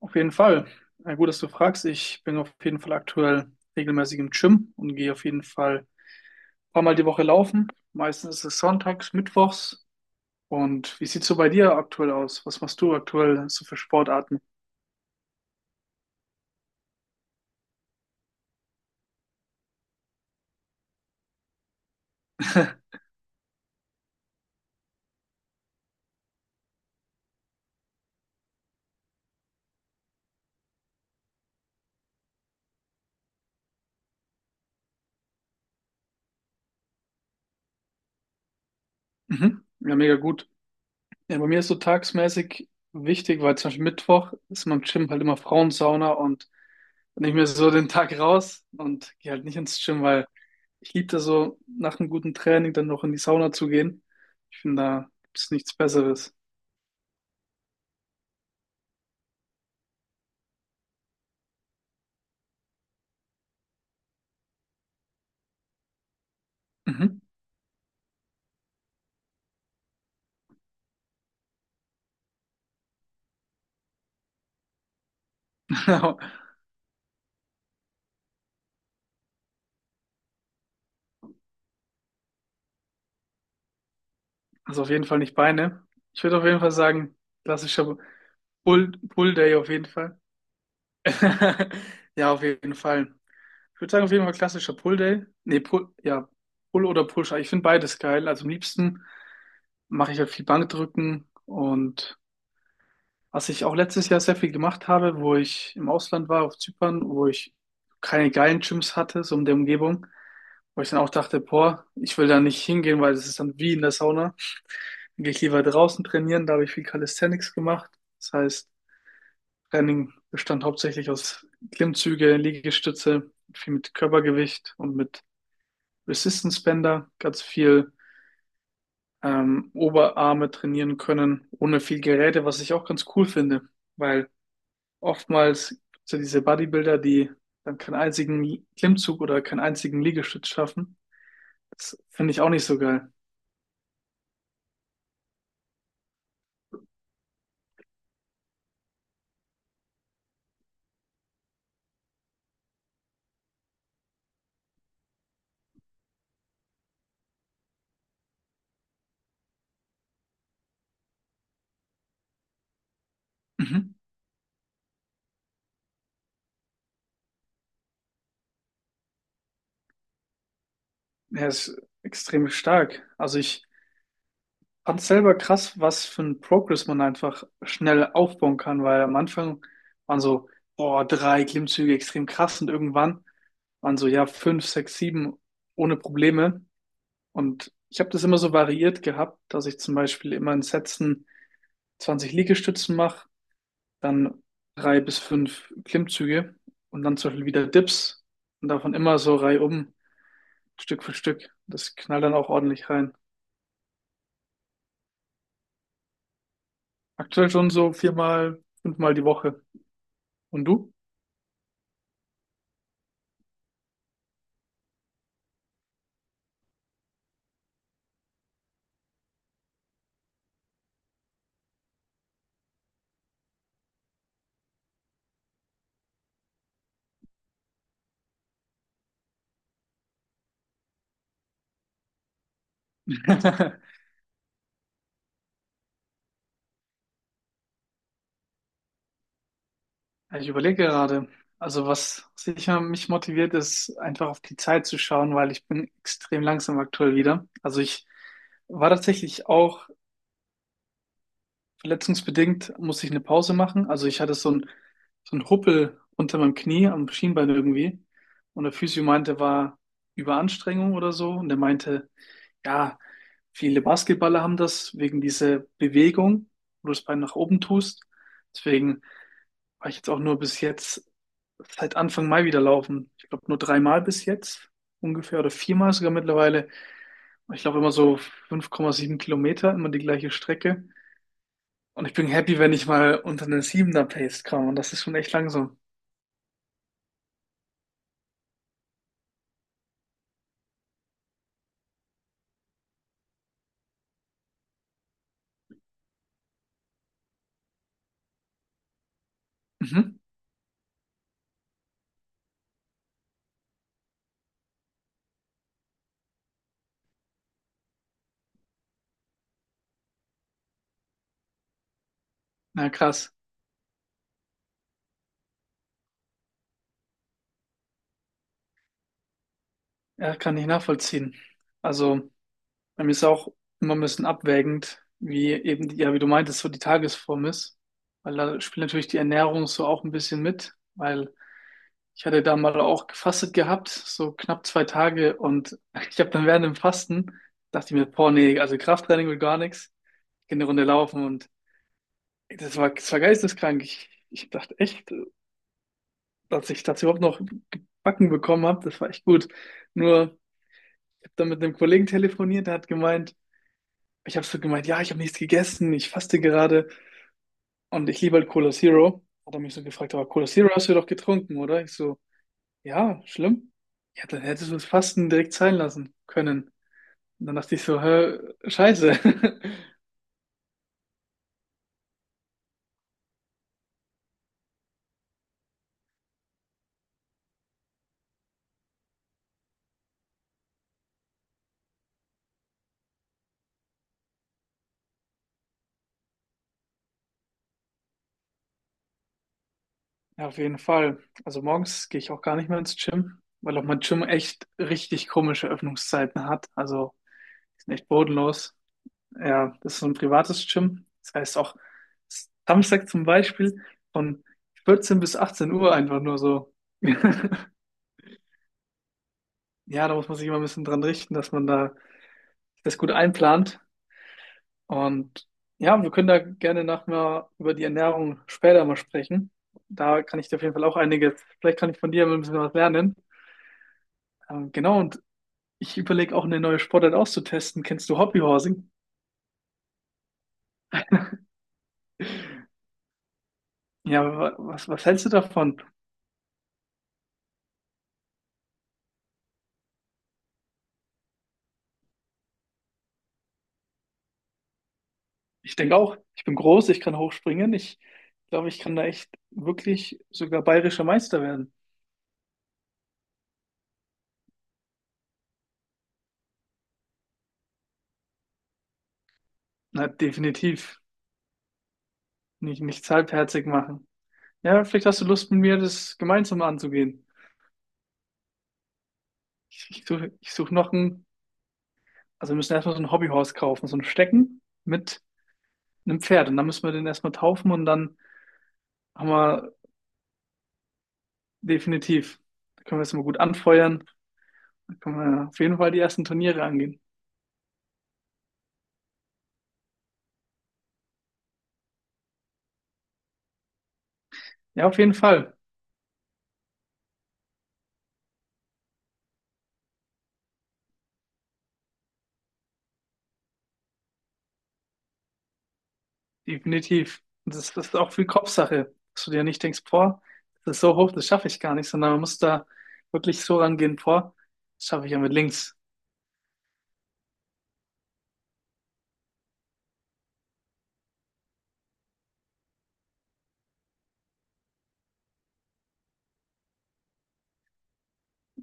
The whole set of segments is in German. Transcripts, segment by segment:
Auf jeden Fall. Na gut, dass du fragst. Ich bin auf jeden Fall aktuell regelmäßig im Gym und gehe auf jeden Fall ein paar Mal die Woche laufen. Meistens ist es sonntags, mittwochs. Und wie sieht's so bei dir aktuell aus? Was machst du aktuell so für Sportarten? Mhm. Ja, mega gut. Ja, bei mir ist so tagsmäßig wichtig, weil zum Beispiel Mittwoch ist in meinem Gym halt immer Frauensauna und dann nehme ich mir so den Tag raus und gehe halt nicht ins Gym, weil ich liebe das so, nach einem guten Training dann noch in die Sauna zu gehen. Ich finde, da gibt es nichts Besseres. Mhm. Genau. Also auf jeden Fall nicht Beine. Ich würde auf jeden Fall sagen, klassischer Pull Day auf jeden Fall. Ja, auf jeden Fall. Ich würde sagen, auf jeden Fall klassischer Pull Day. Nee, Pull, ja, Pull oder Push. Ich finde beides geil. Also am liebsten mache ich halt viel Bankdrücken. Und Was ich auch letztes Jahr sehr viel gemacht habe, wo ich im Ausland war, auf Zypern, wo ich keine geilen Gyms hatte, so in der Umgebung, wo ich dann auch dachte, boah, ich will da nicht hingehen, weil das ist dann wie in der Sauna. Dann gehe ich lieber draußen trainieren, da habe ich viel Calisthenics gemacht. Das heißt, Training bestand hauptsächlich aus Klimmzüge, Liegestütze, viel mit Körpergewicht und mit Resistance Bänder, ganz viel Oberarme trainieren können, ohne viel Geräte, was ich auch ganz cool finde, weil oftmals gibt es ja diese Bodybuilder, die dann keinen einzigen Klimmzug oder keinen einzigen Liegestütz schaffen. Das finde ich auch nicht so geil. Mhm. Er ist extrem stark. Also ich fand selber krass, was für ein Progress man einfach schnell aufbauen kann, weil am Anfang waren so, boah, drei Klimmzüge extrem krass, und irgendwann waren so, ja, fünf, sechs, sieben ohne Probleme. Und ich habe das immer so variiert gehabt, dass ich zum Beispiel immer in Sätzen 20 Liegestützen mache, dann drei bis fünf Klimmzüge und dann zum Beispiel wieder Dips, und davon immer so reihum, Stück für Stück. Das knallt dann auch ordentlich rein. Aktuell schon so viermal, fünfmal die Woche. Und du? Ich überlege gerade. Also was sicher mich motiviert, ist einfach auf die Zeit zu schauen, weil ich bin extrem langsam aktuell wieder. Also ich war tatsächlich auch verletzungsbedingt musste ich eine Pause machen. Also ich hatte so ein Huppel unter meinem Knie, am Schienbein irgendwie. Und der Physio meinte, war Überanstrengung oder so. Und er meinte, ja, viele Basketballer haben das wegen dieser Bewegung, wo du das Bein nach oben tust. Deswegen war ich jetzt auch nur bis jetzt seit Anfang Mai wieder laufen. Ich glaube nur dreimal bis jetzt ungefähr oder viermal sogar mittlerweile. Ich laufe immer so 5,7 Kilometer, immer die gleiche Strecke. Und ich bin happy, wenn ich mal unter eine 7 Pace komme. Und das ist schon echt langsam. Mhm. Na krass. Ja, kann ich nachvollziehen. Also, bei mir ist auch immer ein bisschen abwägend, wie eben, ja, wie du meintest, so die Tagesform ist. Weil da spielt natürlich die Ernährung so auch ein bisschen mit. Weil ich hatte da mal auch gefastet gehabt, so knapp 2 Tage. Und ich habe dann während dem Fasten, dachte ich mir, boah, nee, also Krafttraining will gar nichts. Ich gehe eine Runde laufen und das war geisteskrank. Ich dachte echt, dass ich das überhaupt noch gebacken bekommen habe. Das war echt gut. Nur, ich habe dann mit einem Kollegen telefoniert, der hat gemeint, ich habe so gemeint, ja, ich habe nichts gegessen, ich faste gerade und ich liebe halt Cola Zero. Hat er mich so gefragt, aber Cola Zero hast du ja doch getrunken, oder? Ich so, ja, schlimm. Ja, dann hättest du das Fasten direkt sein lassen können. Und dann dachte ich so, hä, scheiße. Ja, auf jeden Fall. Also morgens gehe ich auch gar nicht mehr ins Gym, weil auch mein Gym echt richtig komische Öffnungszeiten hat. Also, die sind echt bodenlos. Ja, das ist so ein privates Gym. Das heißt auch Samstag zum Beispiel von 14 bis 18 Uhr einfach nur so. Ja, da muss man sich immer ein bisschen dran richten, dass man da das gut einplant. Und ja, wir können da gerne nachher über die Ernährung später mal sprechen. Da kann ich dir auf jeden Fall auch einiges, vielleicht kann ich von dir mal ein bisschen was lernen. Genau, und ich überlege auch eine neue Sportart auszutesten. Kennst du Hobbyhorsing? Ja, was hältst du davon? Ich denke auch, ich bin groß, ich kann hochspringen. Ich glaube, ich kann da echt wirklich sogar bayerischer Meister werden. Na, definitiv. Nichts halbherzig machen. Ja, vielleicht hast du Lust mit mir, das gemeinsam anzugehen. Ich such noch ein, also wir müssen erstmal so ein Hobbyhorse kaufen, so ein Stecken mit einem Pferd. Und dann müssen wir den erstmal taufen und dann haben wir definitiv, da können wir es mal gut anfeuern. Dann können wir auf jeden Fall die ersten Turniere angehen. Ja, auf jeden Fall. Definitiv. Und das ist auch viel Kopfsache, dass du dir nicht denkst, boah, das ist so hoch, das schaffe ich gar nicht, sondern man muss da wirklich so rangehen, boah, das schaffe ich ja mit links.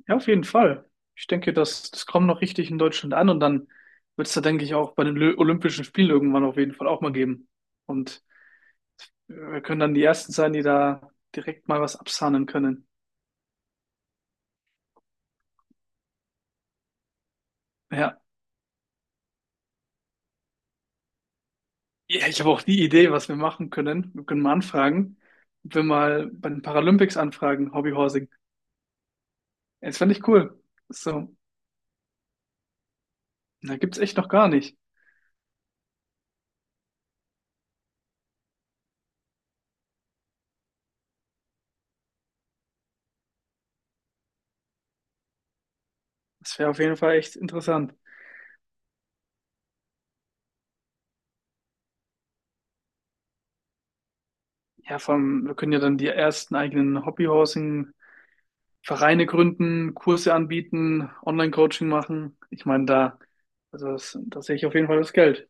Ja, auf jeden Fall. Ich denke, das kommt noch richtig in Deutschland an und dann wird es da, denke ich, auch bei den Olympischen Spielen irgendwann auf jeden Fall auch mal geben. Und wir können dann die Ersten sein, die da direkt mal was absahnen können. Ja, ja ich habe auch die Idee, was wir machen können. Wir können mal anfragen, ob wir mal bei den Paralympics anfragen, Hobbyhorse. Das fand ich cool. So, da gibt's echt noch gar nicht. Das wäre auf jeden Fall echt interessant. Ja, vor allem, wir können ja dann die ersten eigenen Hobbyhousing-Vereine gründen, Kurse anbieten, Online-Coaching machen. Ich meine, da, also das, da sehe ich auf jeden Fall das Geld.